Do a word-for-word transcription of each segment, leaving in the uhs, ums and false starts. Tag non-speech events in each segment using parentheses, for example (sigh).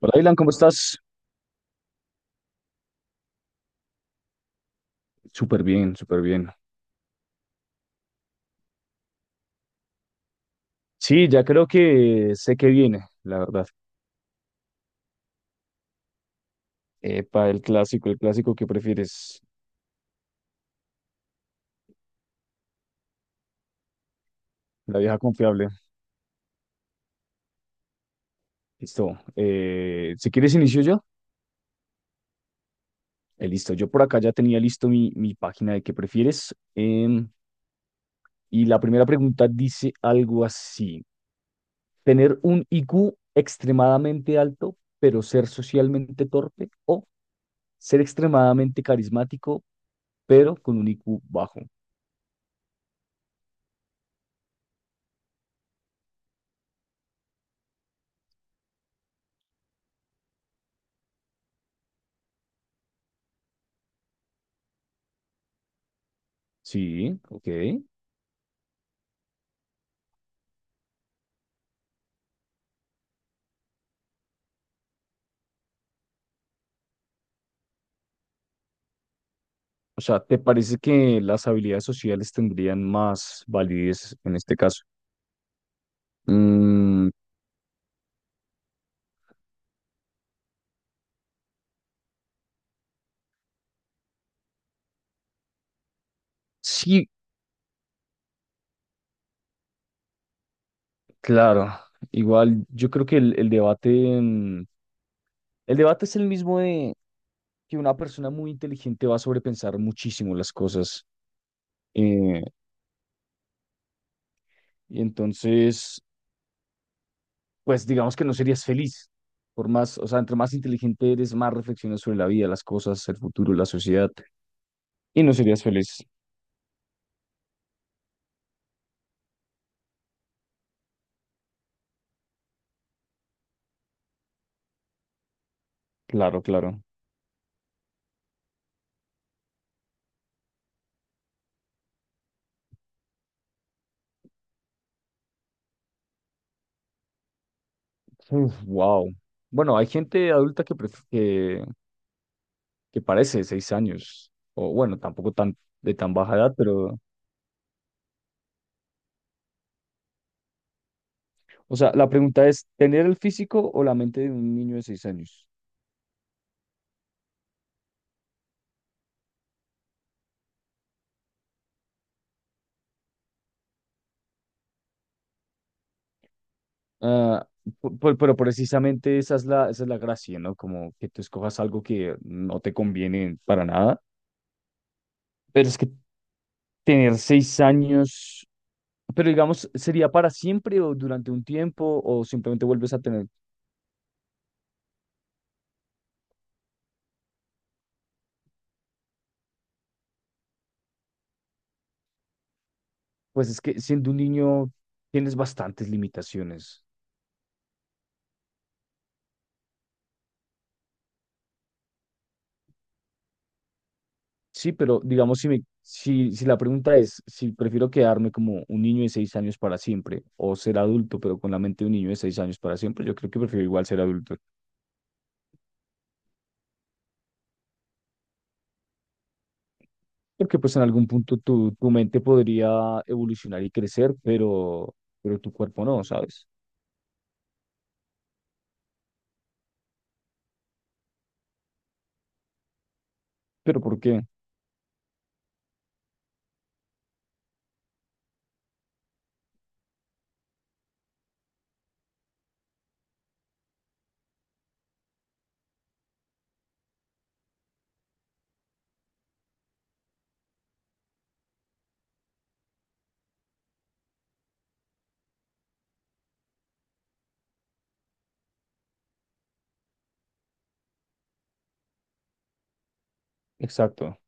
Hola, Dylan, ¿cómo estás? Súper bien, súper bien. Sí, ya creo que sé que viene, la verdad. Epa, el clásico, el clásico que prefieres, la vieja confiable. Listo. Eh, si quieres, inicio yo. Eh, listo, yo por acá ya tenía listo mi, mi página de qué prefieres. Em, y la primera pregunta dice algo así. ¿Tener un I Q extremadamente alto, pero ser socialmente torpe? ¿O ser extremadamente carismático, pero con un I Q bajo? Sí, ok. O sea, ¿te parece que las habilidades sociales tendrían más validez en este caso? Mm, sí, claro. Igual yo creo que el, el debate, mm, el debate es el mismo de que una persona muy inteligente va a sobrepensar muchísimo las cosas. Eh, y entonces, pues digamos que no serías feliz. Por más, o sea, entre más inteligente eres, más reflexionas sobre la vida, las cosas, el futuro, la sociedad. Y no serías feliz. Claro, claro. Wow. Bueno, hay gente adulta que, pref- que, que parece de seis años, o bueno, tampoco tan, de tan baja edad, pero, o sea, la pregunta es, ¿tener el físico o la mente de un niño de seis años? Ah, pu- pu- pero precisamente esa es la, esa es la gracia, ¿no? Como que tú escojas algo que no te conviene para nada. Pero es que tener seis años, pero digamos, ¿sería para siempre o durante un tiempo o simplemente vuelves a tener? Pues es que siendo un niño tienes bastantes limitaciones. Sí, pero digamos, si, me, si, si la pregunta es si prefiero quedarme como un niño de seis años para siempre o ser adulto, pero con la mente de un niño de seis años para siempre, yo creo que prefiero igual ser adulto, porque pues en algún punto tu, tu mente podría evolucionar y crecer, pero, pero tu cuerpo no, ¿sabes? Pero ¿por qué? Exacto.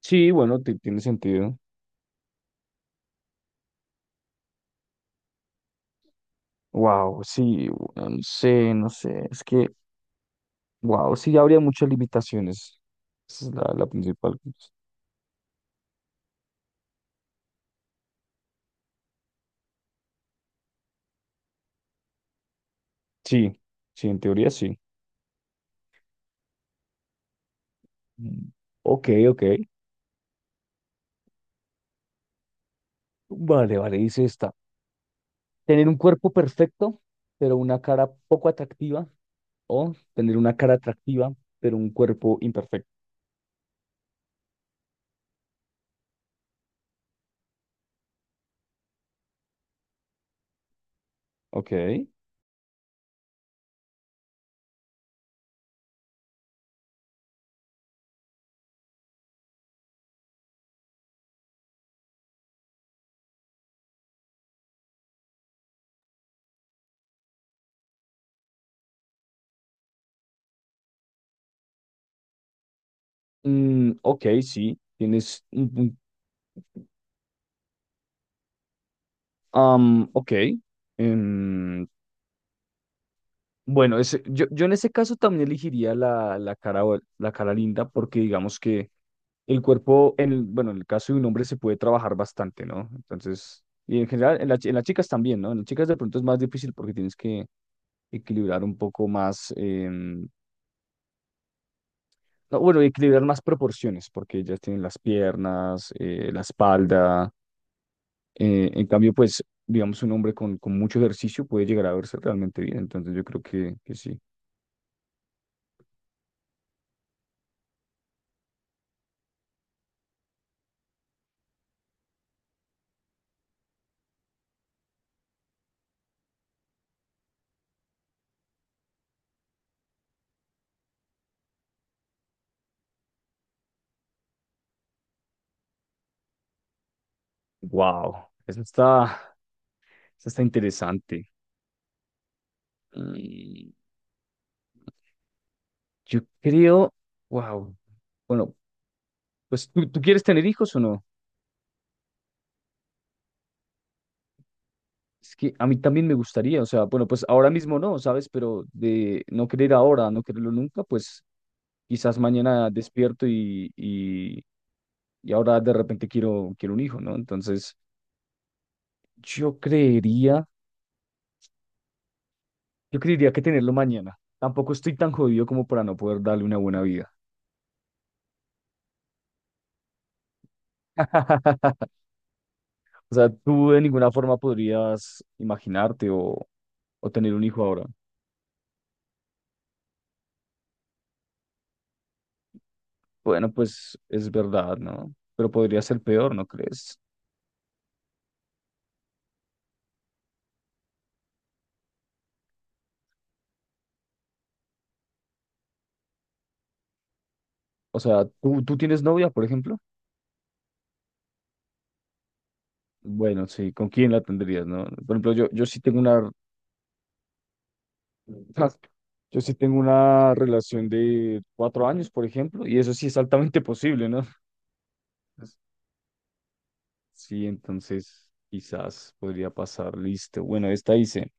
Sí, bueno, ti- tiene sentido. Wow, sí, bueno, no sé, no sé, es que, wow, sí, habría muchas limitaciones. Esa es la, la principal. Cosa. Sí, sí, en teoría sí. Mm, ok, ok. Vale, vale, dice esta. Tener un cuerpo perfecto, pero una cara poco atractiva. O tener una cara atractiva, pero un cuerpo imperfecto. Ok. Mm, ok, sí, tienes un punto. Ok. Em, Bueno, ese- yo, yo en ese caso también elegiría la, la cara, o- la cara linda porque digamos que el cuerpo, en el, bueno, en el caso de un hombre se puede trabajar bastante, ¿no? Entonces, y en general en, la chi- en las chicas también, ¿no? En las chicas de pronto es más difícil porque tienes que equilibrar un poco más, em, no, bueno, equilibrar más proporciones porque ellas tienen las piernas, eh, la espalda. Eh, en cambio, pues, digamos, un hombre con, con mucho ejercicio puede llegar a verse realmente bien. Entonces, yo creo que, que sí. Wow, eso está. Eso está interesante. Mm, yo creo, wow. Bueno, pues ¿tú, tú quieres tener hijos o no? Es que a mí también me gustaría, o sea, bueno, pues ahora mismo no, ¿sabes? Pero de no querer ahora, no quererlo nunca, pues quizás mañana despierto y, y, y ahora de repente quiero, quiero un hijo, ¿no? Entonces, yo creería, yo creería que tenerlo mañana. Tampoco estoy tan jodido como para no poder darle una buena vida. (laughs) O sea, tú de ninguna forma podrías imaginarte o, o tener un hijo ahora. Bueno, pues es verdad, ¿no? Pero podría ser peor, ¿no crees? O sea, ¿tú, tú tienes novia, por ejemplo? Bueno, sí, ¿con quién la tendrías, no? Por ejemplo, yo, yo sí tengo una, (laughs) yo sí tengo una relación de cuatro años, por ejemplo, y eso sí es altamente posible, ¿no? (laughs) Sí, entonces quizás podría pasar, listo. Bueno, esta hice.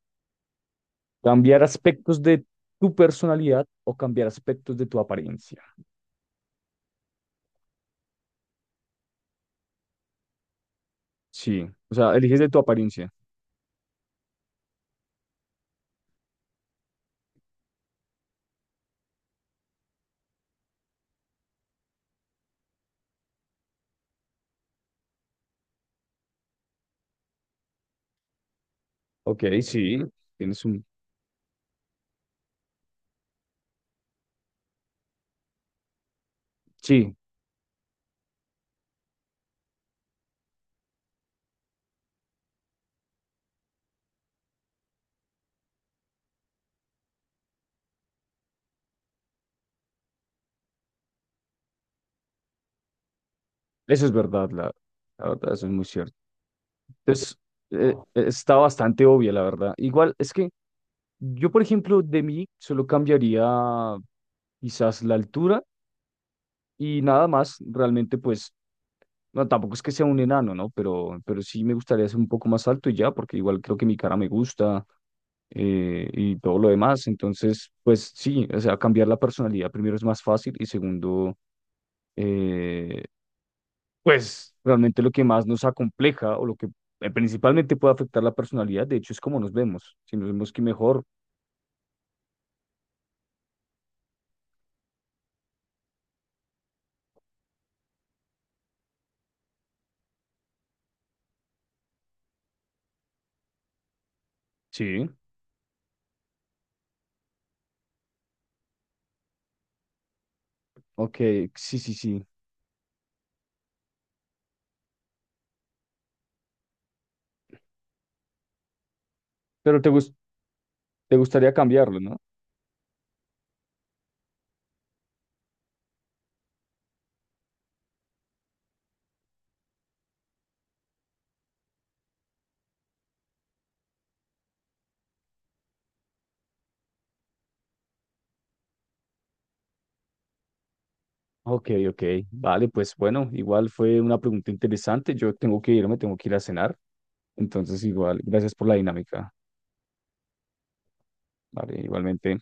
Cambiar aspectos de tu personalidad o cambiar aspectos de tu apariencia. Sí, o sea, eliges de tu apariencia. Ok, sí, tienes un... Sí, eso es verdad, la, la verdad, eso es muy cierto. Entonces, eh, eh, está bastante obvia, la verdad. Igual, es que yo, por ejemplo, de mí solo cambiaría quizás la altura y nada más, realmente, pues, no, tampoco es que sea un enano, ¿no? Pero, pero sí me gustaría ser un poco más alto y ya, porque igual creo que mi cara me gusta. Eh, y todo lo demás. Entonces, pues sí, o sea, cambiar la personalidad primero es más fácil y segundo, eh, pues realmente lo que más nos acompleja o lo que eh, principalmente puede afectar la personalidad, de hecho, es cómo nos vemos. Si nos vemos que mejor, sí, ok, sí, sí, sí. Pero te gus- te gustaría cambiarlo, ¿no? Ok, ok, vale, pues bueno, igual fue una pregunta interesante. Yo tengo que irme, tengo que ir a cenar. Entonces, igual, gracias por la dinámica. Vale, igualmente.